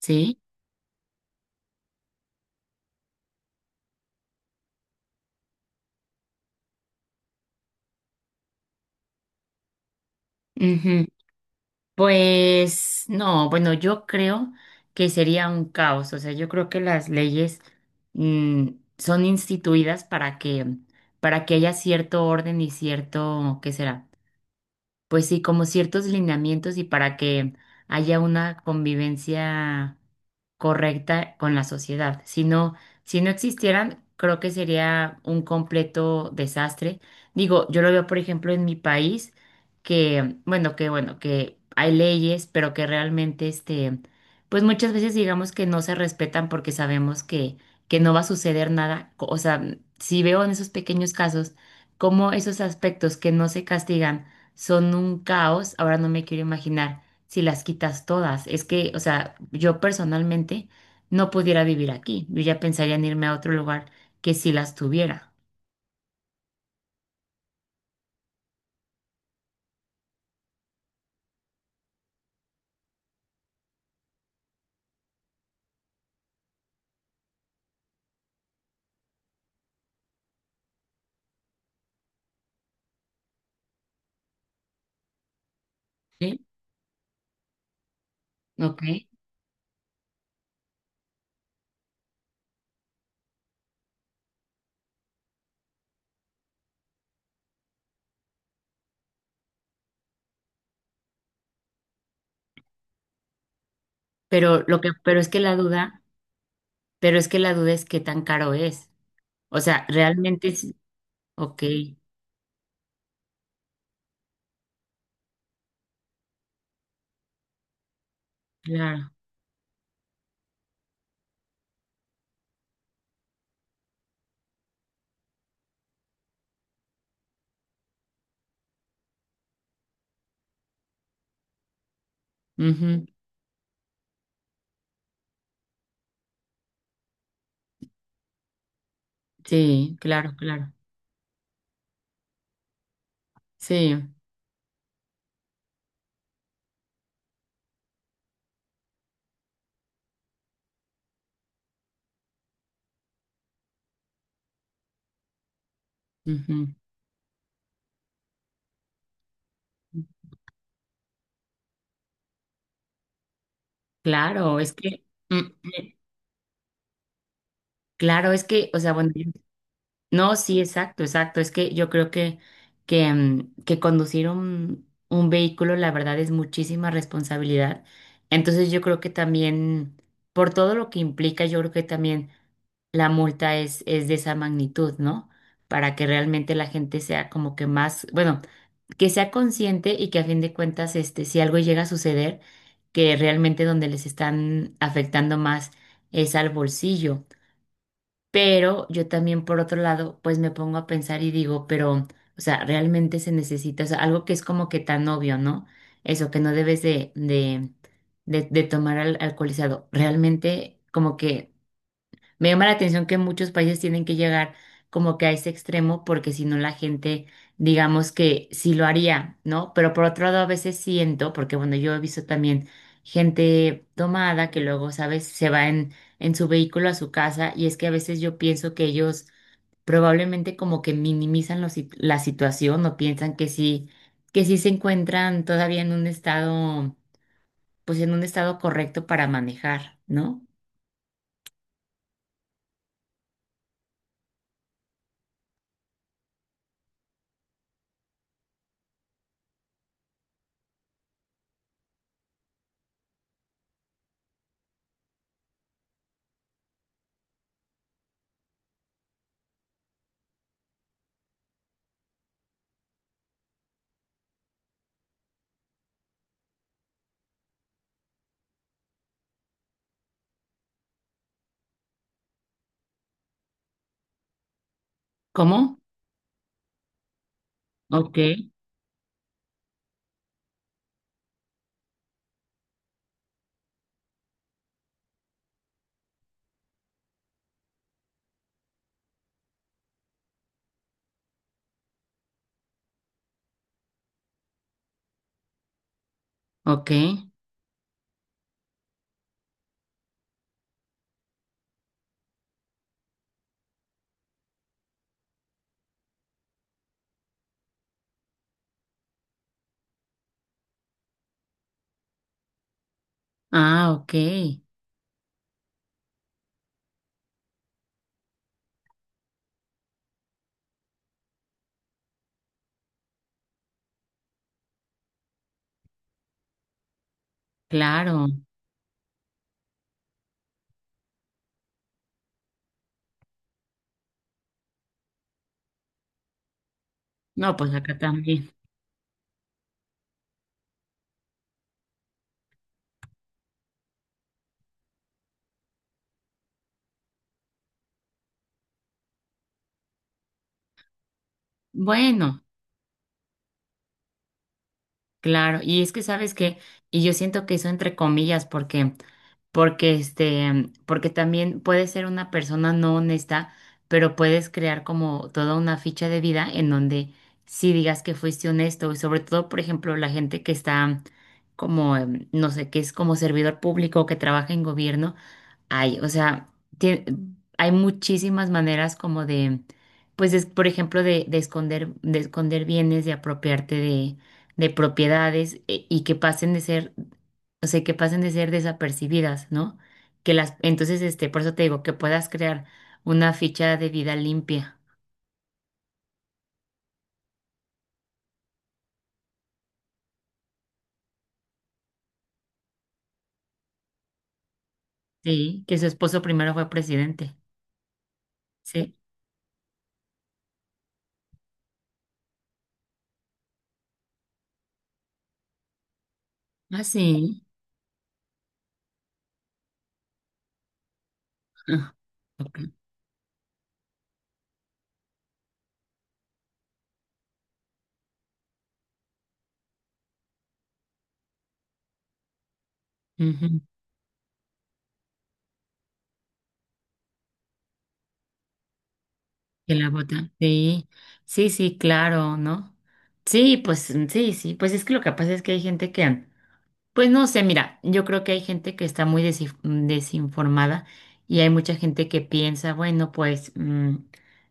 Sí, ujú. Pues no, bueno, yo creo que sería un caos, o sea, yo creo que las leyes mm, son instituidas para que haya cierto orden y cierto, ¿qué será? Pues sí, como ciertos lineamientos y para que haya una convivencia correcta con la sociedad. Si no, si no existieran, creo que sería un completo desastre. Digo, yo lo veo, por ejemplo, en mi país, que bueno, que hay leyes, pero que realmente, este, pues muchas veces digamos que no se respetan porque sabemos que no va a suceder nada. O sea, si veo en esos pequeños casos, cómo esos aspectos que no se castigan, son un caos. Ahora no me quiero imaginar si las quitas todas. Es que, o sea, yo personalmente no pudiera vivir aquí. Yo ya pensaría en irme a otro lugar que si las tuviera. ¿Sí? Ok. Pero lo que, pero es que la duda, pero es que la duda es qué tan caro es. O sea, realmente es, ok, claro. Ujú, sí, claro, claro. Sí. Ujú. Claro, es que, mm, mm, o sea, bueno, no, sí, exacto, exacto. Es que yo creo que conducir un vehículo, la verdad, es muchísima responsabilidad. Entonces yo creo que también, por todo lo que implica, yo creo que también la multa es de esa magnitud, ¿no? Para que realmente la gente sea como que más, bueno, que sea consciente y que a fin de cuentas, este, si algo llega a suceder, que realmente donde les están afectando más es al bolsillo. Pero yo también, por otro lado, pues me pongo a pensar y digo, pero, o sea, realmente se necesita, o sea, algo que es como que tan obvio, ¿no? Eso, que no debes de tomar al alcoholizado. Realmente, como que me llama la atención que muchos países tienen que llegar como que a ese extremo porque si no la gente, digamos que sí lo haría, ¿no? Pero por otro lado a veces siento, porque bueno, yo he visto también gente tomada que luego, ¿sabes? Se va en su vehículo a su casa y es que a veces yo pienso que ellos probablemente como que minimizan la situación o piensan que sí se encuentran todavía en un estado, pues en un estado correcto para manejar, ¿no? ¿Cómo? Ok, ok. Ah, ok, claro. No, pues acá también. Bueno, claro. Y es que sabes que, y yo siento que eso entre comillas, porque también puedes ser una persona no honesta, pero puedes crear como toda una ficha de vida en donde sí digas que fuiste honesto. Y sobre todo, por ejemplo, la gente que está como, no sé, que es como servidor público, que trabaja en gobierno. Hay, o sea, tie- hay muchísimas maneras como de, pues, por ejemplo, de esconder bienes, de apropiarte de propiedades y que pasen de ser, o sea, que pasen de ser desapercibidas, ¿no? Que las, entonces, este, por eso te digo, que puedas crear una ficha de vida limpia, ¿sí? Que su esposo primero fue presidente, ¿sí? Ah, sí. Ah, ok. Ujú. Que la botan. Sí, sí, sí, claro, ¿no? Sí, pues sí, sí, pues es que lo que pasa es que hay gente que, pues no sé, mira, yo creo que hay gente que está muy desinformada y hay mucha gente que piensa, bueno, pues mm,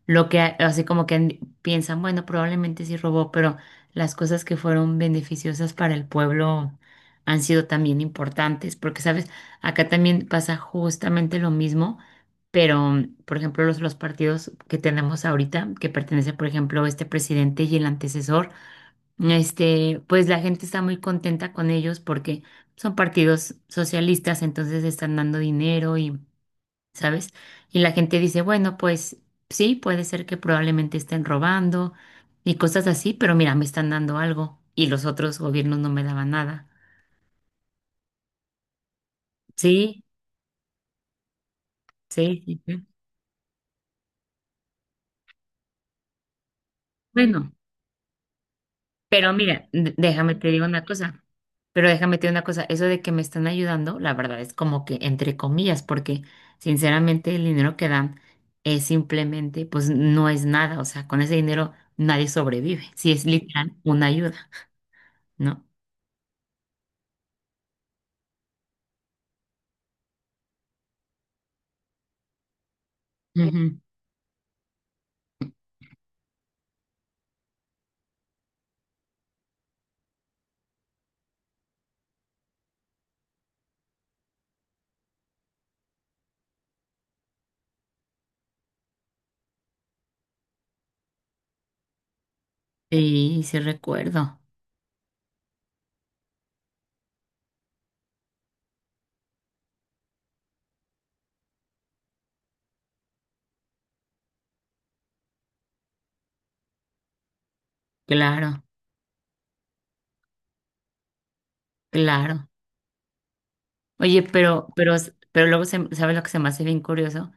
lo que, ha- así como que han- piensan, bueno, probablemente sí robó, pero las cosas que fueron beneficiosas para el pueblo han sido también importantes, porque, sabes, acá también pasa justamente lo mismo, pero, por ejemplo, los partidos que tenemos ahorita, que pertenece, por ejemplo, este presidente y el antecesor. Este, pues la gente está muy contenta con ellos porque son partidos socialistas, entonces están dando dinero y, ¿sabes? Y la gente dice, bueno, pues sí, puede ser que probablemente estén robando y cosas así, pero mira, me están dando algo y los otros gobiernos no me daban nada. Sí, sí, sí. Sí. Bueno. Pero mira, déjame te digo una cosa, eso de que me están ayudando, la verdad es como que entre comillas, porque sinceramente el dinero que dan es simplemente, pues no es nada, o sea, con ese dinero nadie sobrevive, si es literal una ayuda, ¿no? Ujú. Sí, sí recuerdo, claro, claro. Oye, pero luego ¿sabes lo que se me hace bien curioso?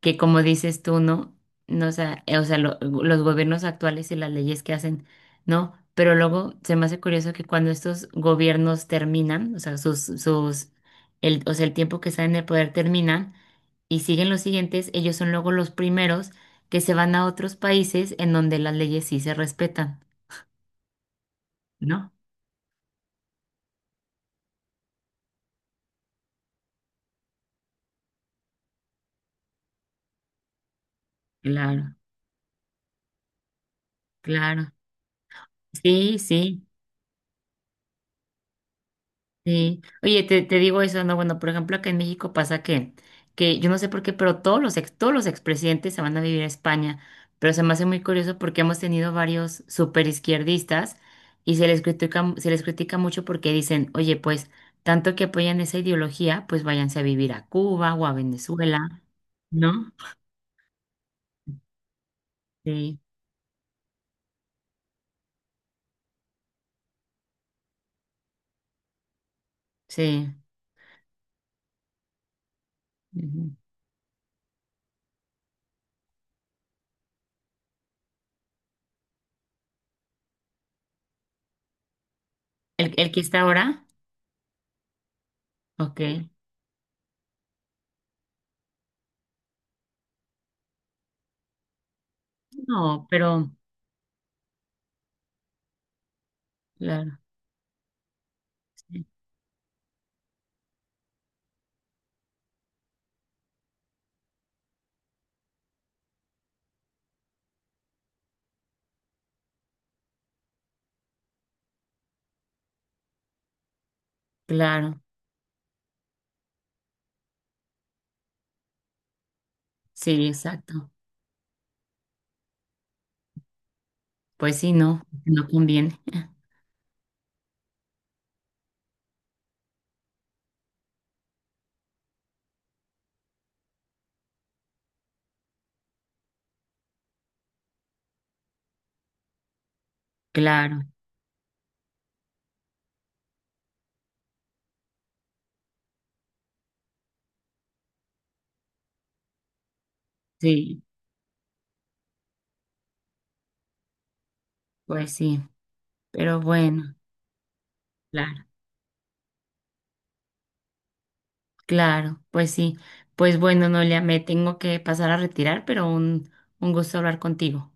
Que como dices tú, ¿no? No, o sea, los gobiernos actuales y las leyes que hacen, ¿no? Pero luego se me hace curioso que cuando estos gobiernos terminan, o sea, el tiempo que están en el poder terminan y siguen los siguientes, ellos son luego los primeros que se van a otros países en donde las leyes sí se respetan, ¿no? Claro, claro. Sí, sí. Sí, oye, te digo eso, no, bueno, por ejemplo, acá en México pasa que yo no sé por qué, pero todos los expresidentes se van a vivir a España, pero se me hace muy curioso porque hemos tenido varios superizquierdistas y se les critica mucho porque dicen, oye, pues, tanto que apoyan esa ideología, pues váyanse a vivir a Cuba o a Venezuela, ¿no? Sí, sí. Ujú. ¿El que está ahora? Ok. No, pero, claro, sí, claro, sí, exacto. Pues sí, no, no conviene. Claro, sí, pues sí, pero bueno, claro, claro, pues sí. Pues bueno, Noelia, me tengo que pasar a retirar, pero un gusto hablar contigo.